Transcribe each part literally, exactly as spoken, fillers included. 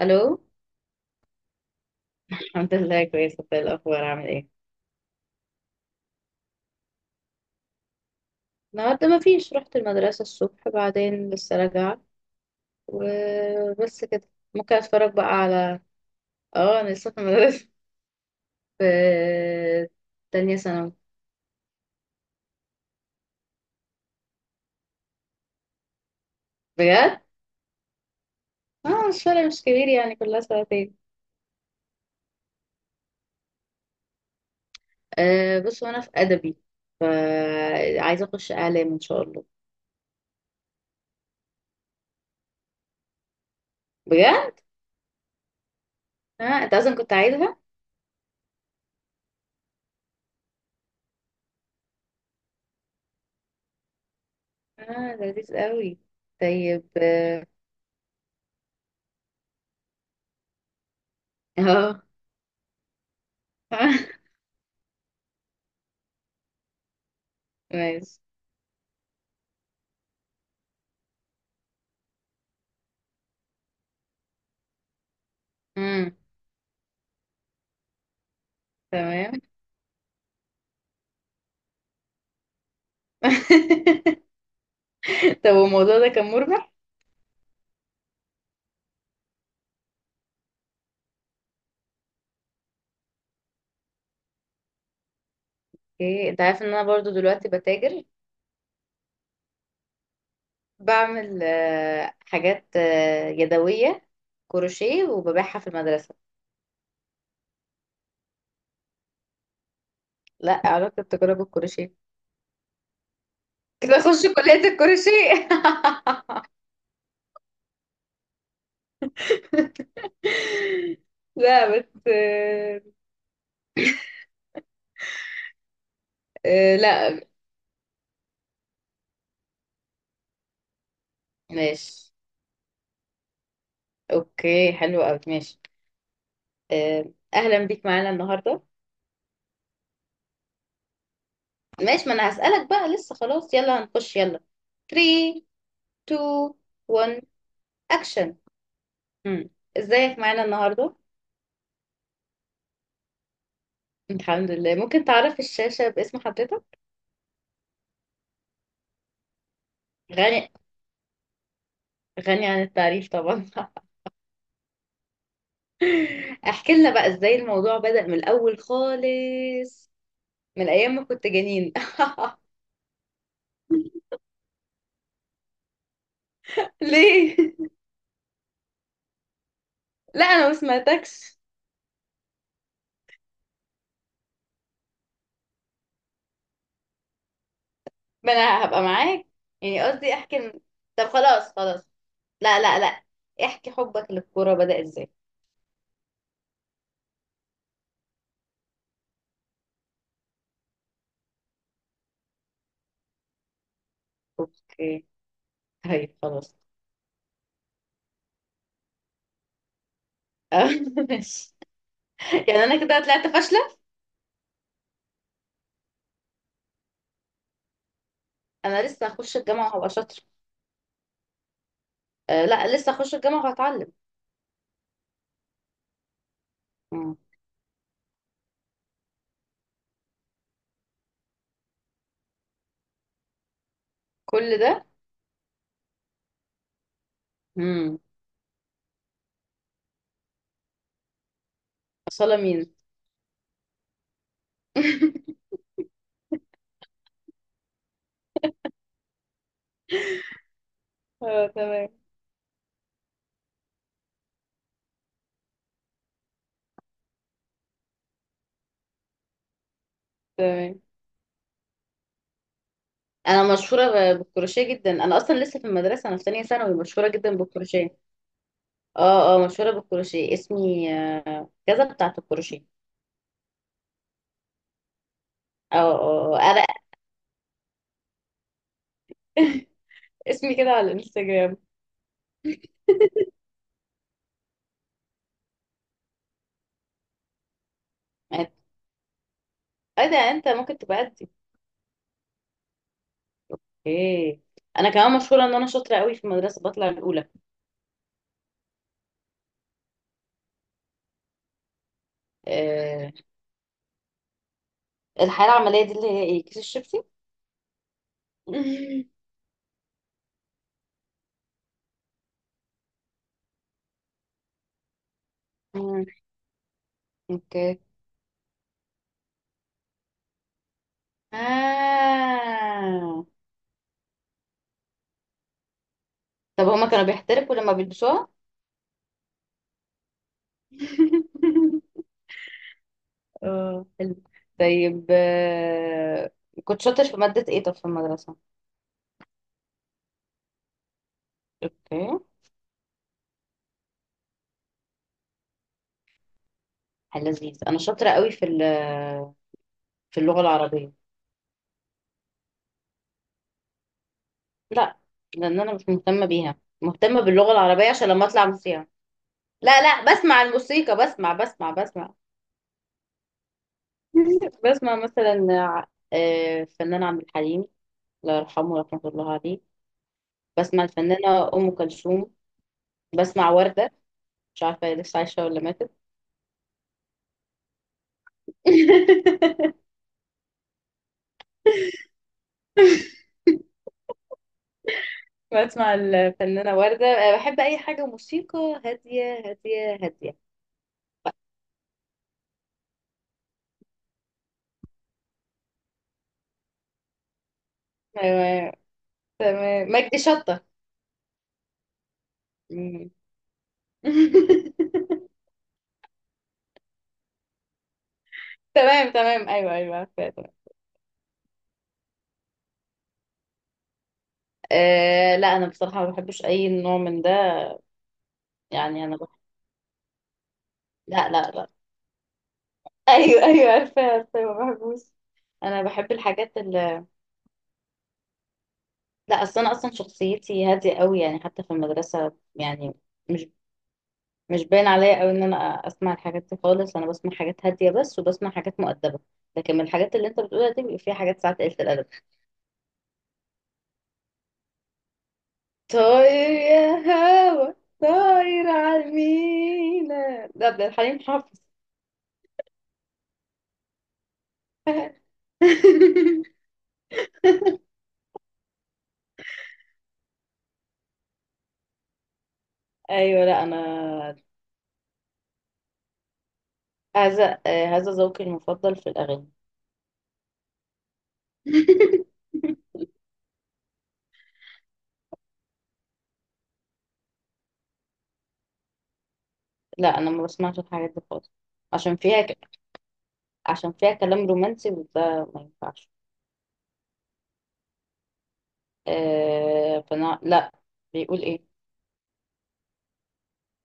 الو. الحمد لله كويسه، انت إيه الاخبار عامل ايه؟ النهارده ما فيش، رحت المدرسه الصبح، بعدين لسه راجعه وبس كده. ممكن اتفرج بقى على اه انا لسه في المدرسه. في تانية ثانوي. بجد. اه مش فارق، مش كبير يعني، كلها سنتين. أه، بص، وانا في ادبي، فعايزه اخش اعلام ان شاء الله. بجد. اه، انت اصلا كنت عايزها. اه، لذيذ قوي. طيب. اه، آه. ماشي. امم. تمام. طب الموضوع ده كان مربح؟ ايه، انت عارف ان انا برضو دلوقتي بتاجر. بعمل آه، حاجات آه، يدوية، كروشيه، وببيعها في المدرسة. لا، علاقة التجارة بالكروشيه؟ كده اخش كلية الكروشيه. لا بس آه، آه، لا. ماشي. اوكي حلو قوي. ماشي. آه، اهلا بيك معانا النهارده. ماشي. ما انا هسألك بقى، لسه خلاص، يلا هنخش، يلا. ثلاثة. اتنين. واحد. اكشن. ازيك معانا النهارده؟ الحمد لله. ممكن تعرف الشاشة باسم حضرتك؟ غني غني عن التعريف طبعا. احكي لنا بقى ازاي الموضوع بدأ من الأول خالص، من أيام ما كنت جنين. ليه؟ لا، أنا ما سمعتكش. ما أنا هبقى معاك. يعني قصدي احكي م- طب خلاص، خلاص. لا، لا، لا. احكي، حبك للكورة بدأ ازاي؟ اوكي. طيب خلاص. ماشي. يعني أنا كده طلعت فاشلة. أنا لسه هخش الجامعة وهبقى شاطرة. أه لا، لسه هخش الجامعة وهتعلم. مم. كل ده. امم. أصالة مين؟ اه، تمام، تمام. انا مشهوره ب- بالكروشيه جدا. انا اصلا لسه في المدرسه، انا في تانية ثانوي، مشهوره جدا بالكروشيه. اه، اه، مشهوره بالكروشيه. اسمي آه، كذا بتاعه الكروشيه. اه، اه، آه. انا. اسمي كده على الانستجرام. ايه ده، انت ممكن تبقى قدي؟ ايه، انا كمان مشهوره ان انا شاطره قوي في المدرسه، بطلع الاولى. آه. الحياه العمليه دي اللي هي ايه، كيس الشيبسي؟ مم، اوكي. آه. طب هما كانوا بيحترقوا لما بيلبسوها؟ اه، حلو. طيب آه، كنت شاطر في مادة ايه طب في المدرسة؟ اوكي. حل لذيذ. انا شاطرة قوي في ال- في اللغة العربية. لا، لان انا مش مهتمة بيها. مهتمة باللغة العربية عشان لما اطلع موسيقى. لا، لا، بسمع الموسيقى. بسمع بسمع بسمع. بسمع مثلا ع- آه، الفنان عبد الحليم، الله يرحمه ورحمة الله عليه. بسمع الفنانة أم كلثوم. بسمع وردة، مش عارفة هي لسه عايشة ولا ماتت. بسمع الفنانة وردة. أه، بحب أي حاجة موسيقى هادية هادية هادية. أيوة، أيوة. تمام. مجدي شطة. مم. تمام، تمام، أيوة، أيوه، عارفة، تمام. أه لا، أنا بصراحة ما بحبش أي نوع من ده. يعني أنا بح... لا، لا، لا. أيوة، أيوة، عارفة، عارفة، ما بحبوش. أنا بحب الحاجات اللي... لا، أصل أنا أصلا شخصيتي هادية قوي يعني، حتى في المدرسة يعني. مش مش باين عليا قوي ان انا اسمع الحاجات دي خالص. انا بسمع حاجات هاديه بس، وبسمع حاجات مؤدبه. لكن من الحاجات اللي انت بتقولها دي بيبقى فيها حاجات ساعات قلة الادب. طاير يا هوا، طاير على المينا، ده عبد الحليم حافظ. ايوه، لا انا هذا آه، هذا ذوقي المفضل في الاغاني. لا، انا ما بسمعش الحاجات دي خالص. عشان فيها ك... عشان فيها كلام رومانسي وده ما ينفعش. آه، فانا لا. بيقول ايه؟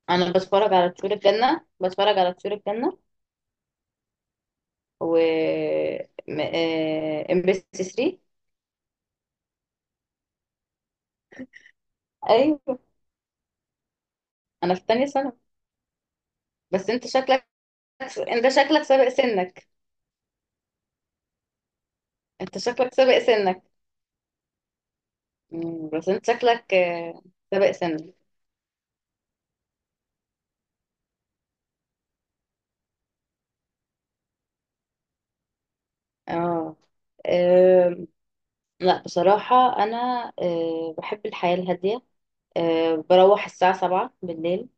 انا بتفرج على طيور الجنة، بتفرج على طيور الجنة. و م- آه، ام بي سي تلاتة. ايوه. انا في تانية ثانوي. بس انت شكلك انت شكلك سابق سنك. انت شكلك سابق سنك. مم، بس انت شكلك آه، سابق سنك. اه. آم. لا بصراحة انا آه، بحب الحياة الهادية. آه، بروح الساعة سبعة بالليل،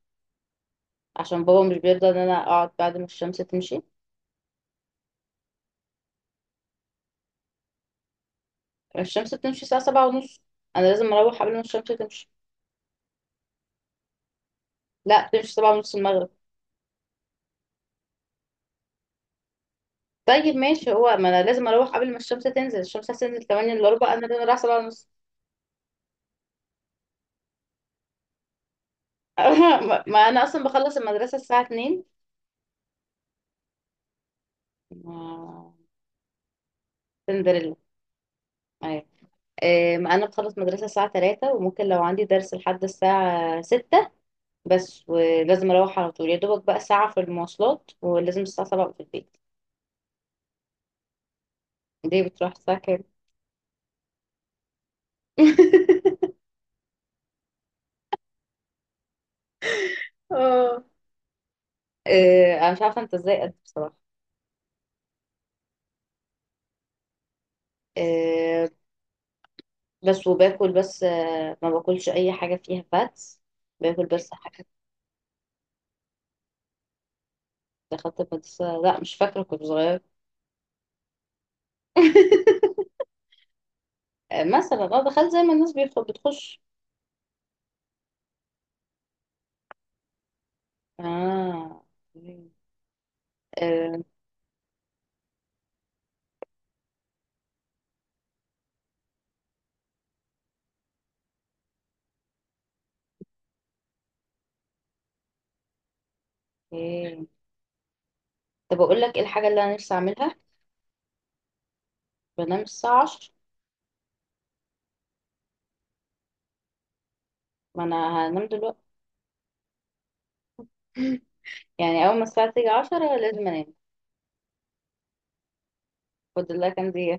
عشان بابا مش بيرضى ان انا اقعد بعد ما الشمس تمشي. الشمس بتمشي الساعة سبعة ونص. انا لازم اروح قبل ما الشمس تمشي. لا، تمشي سبعة ونص المغرب. طيب ماشي. هو ما انا لازم اروح قبل ما الشمس تنزل، الشمس هتنزل ثمانية الا ربع، انا لازم اروح سبعة ونص. ما ما انا اصلا بخلص المدرسة الساعة اتنين. ما- سندريلا. ايوه. آه، ما انا بخلص مدرسة الساعة تلاتة، وممكن لو عندي درس لحد الساعة السادسة. بس ولازم اروح على طول، يا دوبك بقى ساعة في المواصلات، ولازم الساعة سبعة أبقى في البيت. ليه بتروح الساعة كام؟ اه. آه، انا مش عارفة انت ازاي قد إيه بصراحة. آه، بس وباكل بس، آه، ما باكلش اي حاجه فيها فاتس. باكل بس حاجات. دخلت المدرسه، لا مش فاكره، كنت صغيره. آه، مثلا اه دخلت زي ما الناس بيخ- بتخش. اه. مم. آه، اوكي. طب اقول لك ايه الحاجه اللي انا نفسي اعملها؟ بنام الساعه عشرة. ما انا هنام دلوقتي. يعني اول ما الساعه تيجي عشرة لازم انام. خد الله كان دي.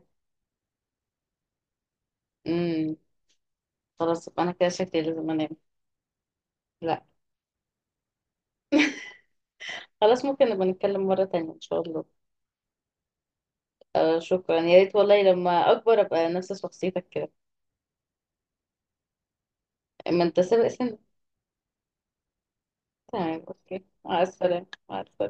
امم. خلاص، يبقى انا كده شكلي لازم انام. لا، خلاص. ممكن نبقى نتكلم مره تانية ان شاء الله. آه، شكرا، يا ريت والله لما اكبر ابقى نفس شخصيتك كده. اما انت سابق سن. تمام، اوكي. مع السلامه، مع السلامه.